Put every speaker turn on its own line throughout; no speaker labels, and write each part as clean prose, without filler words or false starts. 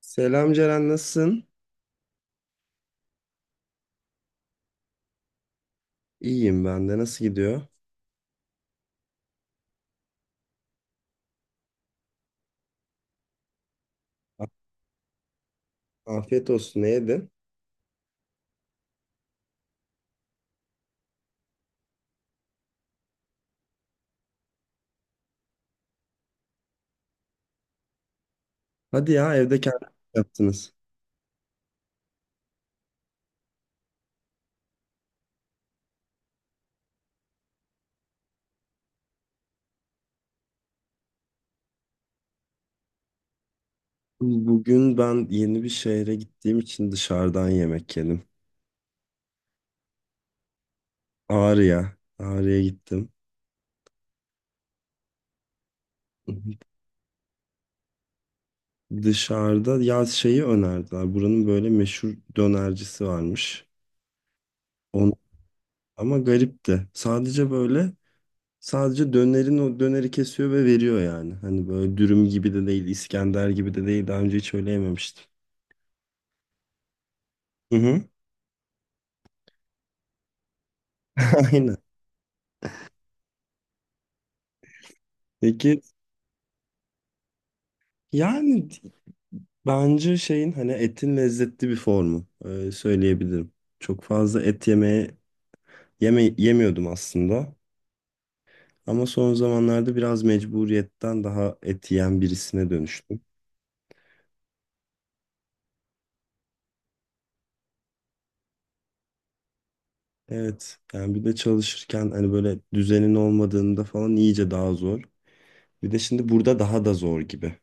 Selam Ceren, nasılsın? İyiyim ben de. Nasıl gidiyor? A- Afiyet olsun. Ne yedin? Hadi ya, evde kendiniz yaptınız. Bugün ben yeni bir şehre gittiğim için dışarıdan yemek yedim. Ağrı'ya. Ağrı'ya gittim. Dışarıda ya şeyi önerdiler. Buranın böyle meşhur dönercisi varmış. On, ama garipti. Sadece dönerin o döneri kesiyor ve veriyor yani. Hani böyle dürüm gibi de değil, İskender gibi de değil. Daha önce hiç öyle yememiştim. Hı hı. Aynen. Peki, yani bence şeyin hani etin lezzetli bir formu söyleyebilirim. Çok fazla et yemiyordum aslında. Ama son zamanlarda biraz mecburiyetten daha et yiyen birisine dönüştüm. Evet, yani bir de çalışırken hani böyle düzenin olmadığında falan iyice daha zor. Bir de şimdi burada daha da zor gibi.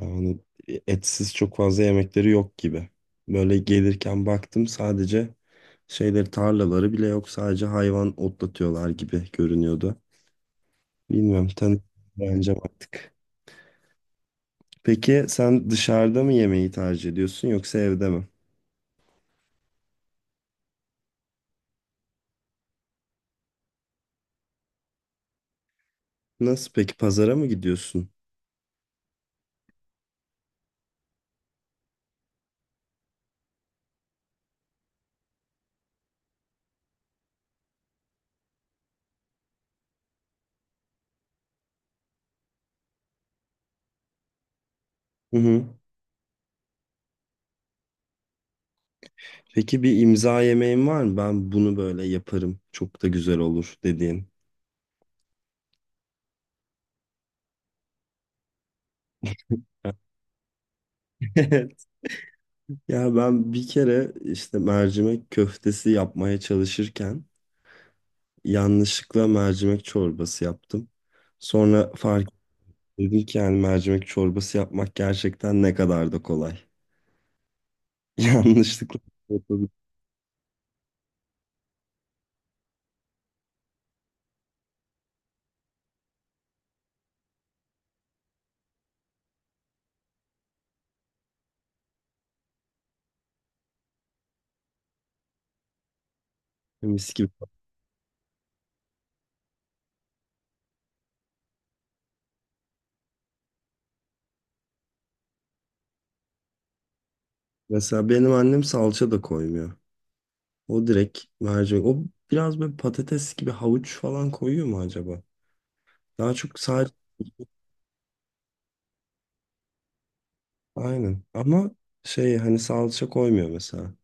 Yani etsiz çok fazla yemekleri yok gibi. Böyle gelirken baktım sadece şeyleri tarlaları bile yok. Sadece hayvan otlatıyorlar gibi görünüyordu. Bilmiyorum, bence artık. Peki, sen dışarıda mı yemeği tercih ediyorsun yoksa evde mi? Nasıl peki, pazara mı gidiyorsun? Hı hı. Peki bir imza yemeğin var mı? Ben bunu böyle yaparım. Çok da güzel olur dediğin. Ya ben bir kere işte mercimek köftesi yapmaya çalışırken yanlışlıkla mercimek çorbası yaptım. Sonra fark ettim ki yani mercimek çorbası yapmak gerçekten ne kadar da kolay. Yanlışlıkla yapabilirim, mis gibi. Mesela benim annem salça da koymuyor. O direkt mercimek. O biraz böyle patates gibi havuç falan koyuyor mu acaba? Daha çok sadece aynen. Ama şey hani salça koymuyor mesela.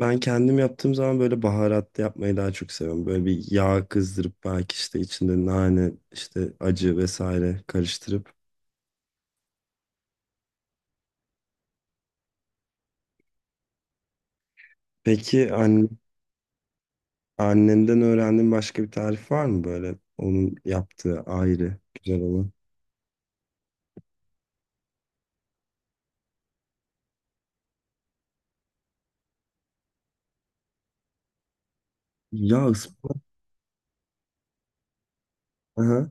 Ben kendim yaptığım zaman böyle baharatlı yapmayı daha çok seviyorum. Böyle bir yağ kızdırıp belki işte içinde nane, işte acı vesaire karıştırıp. Peki annenden öğrendiğin başka bir tarif var mı böyle? Onun yaptığı ayrı güzel olan. Ya ısp- Aha,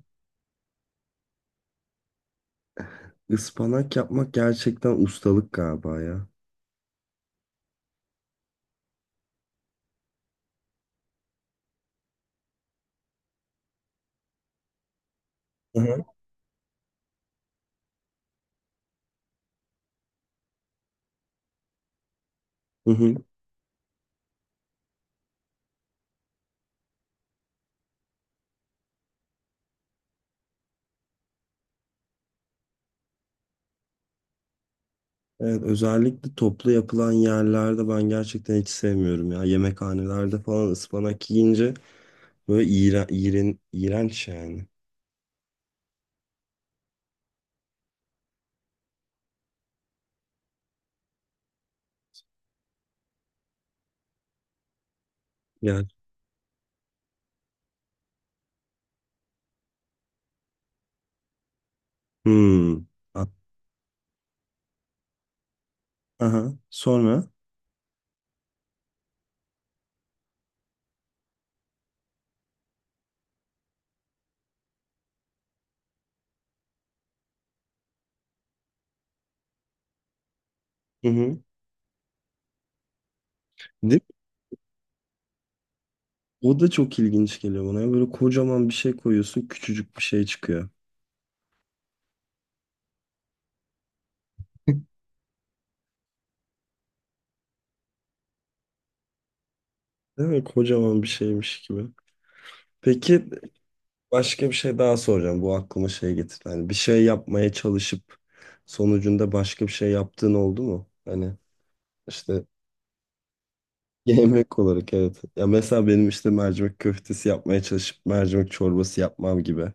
ıspanak yapmak gerçekten ustalık galiba ya. Hı hı. Hı hı. Evet, özellikle toplu yapılan yerlerde ben gerçekten hiç sevmiyorum ya. Yemekhanelerde falan ıspanak yiyince böyle iğrenç yani. Yani. Hmm. A- Aha. Sonra. Hı hı. Değil mi? O da çok ilginç geliyor bana ya. Böyle kocaman bir şey koyuyorsun, küçücük bir şey çıkıyor. Değil mi? Kocaman bir şeymiş gibi. Peki, başka bir şey daha soracağım. Bu aklıma şey getirdi. Hani bir şey yapmaya çalışıp sonucunda başka bir şey yaptığın oldu mu? Hani işte yemek olarak evet. Ya mesela benim işte mercimek köftesi yapmaya çalışıp mercimek çorbası yapmam gibi.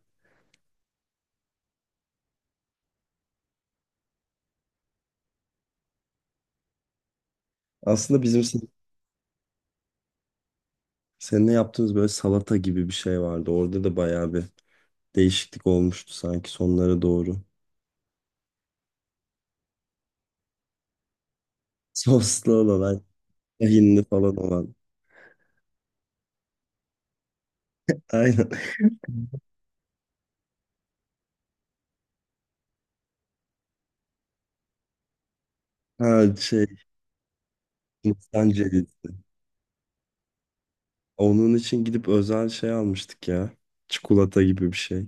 Aslında bizim seninle yaptığımız böyle salata gibi bir şey vardı. Orada da bayağı bir değişiklik olmuştu sanki sonlara doğru. Soslu olan, tahinli falan olan. Aynen. Ha şey, Hindistan cevizi. Onun için gidip özel şey almıştık ya. Çikolata gibi bir şey.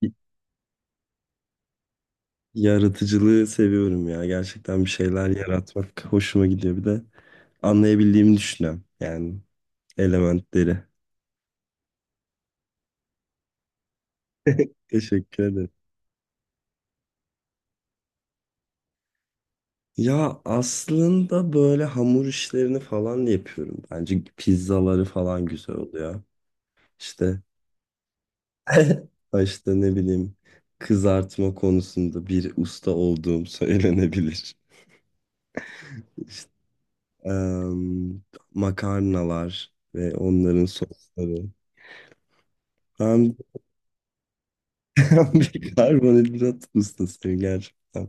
Y- Yaratıcılığı seviyorum ya. Gerçekten bir şeyler yaratmak hoşuma gidiyor. Bir de anlayabildiğimi düşünüyorum. Yani elementleri. Teşekkür ederim. Ya aslında böyle hamur işlerini falan da yapıyorum. Bence pizzaları falan güzel oluyor. İşte işte ne bileyim, kızartma konusunda bir usta olduğum söylenebilir. İşte, em, makarnalar ve onların sosları. Ben bir karbonhidrat ustasıyım gerçekten.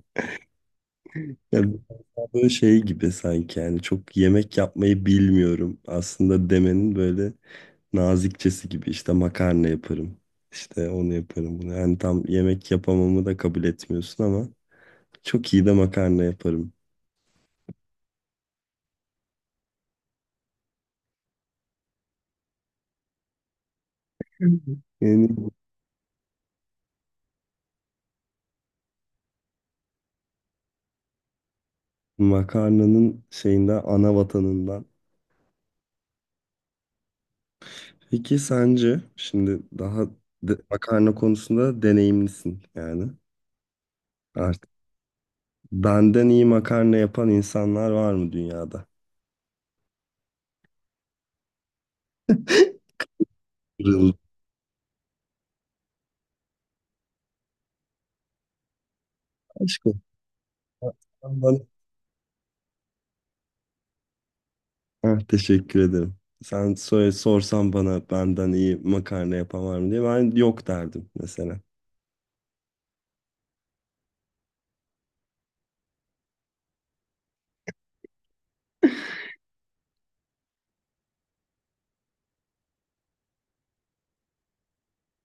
Ya biraz böyle şey gibi sanki, yani çok yemek yapmayı bilmiyorum aslında demenin böyle nazikçesi gibi, işte makarna yaparım. İşte onu yaparım, bunu. Yani tam yemek yapamamı da kabul etmiyorsun ama çok iyi de makarna yaparım. Yani makarnanın şeyinden, ana vatanından. Peki sence şimdi daha makarna konusunda deneyimlisin yani. Artık benden iyi makarna yapan insanlar var mı dünyada? Kırıldı. Aşkım. Ah, teşekkür ederim. Sen söyle, sorsan bana benden iyi makarna yapan var mı diye ben yok derdim mesela.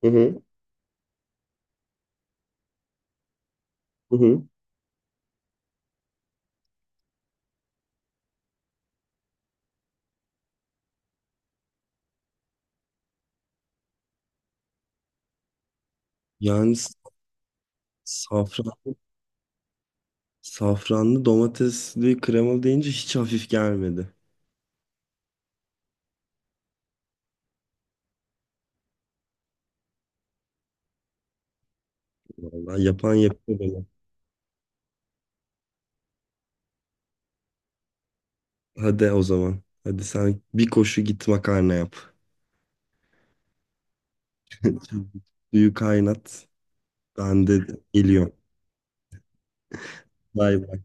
Hı hı. Hı hı. Yani safran, safranlı domatesli kremalı deyince hiç hafif gelmedi. Vallahi yapan yapıyor beni. Hadi o zaman. Hadi sen bir koşu git makarna yap. Suyu kaynat. Ben de geliyorum. Bay bay.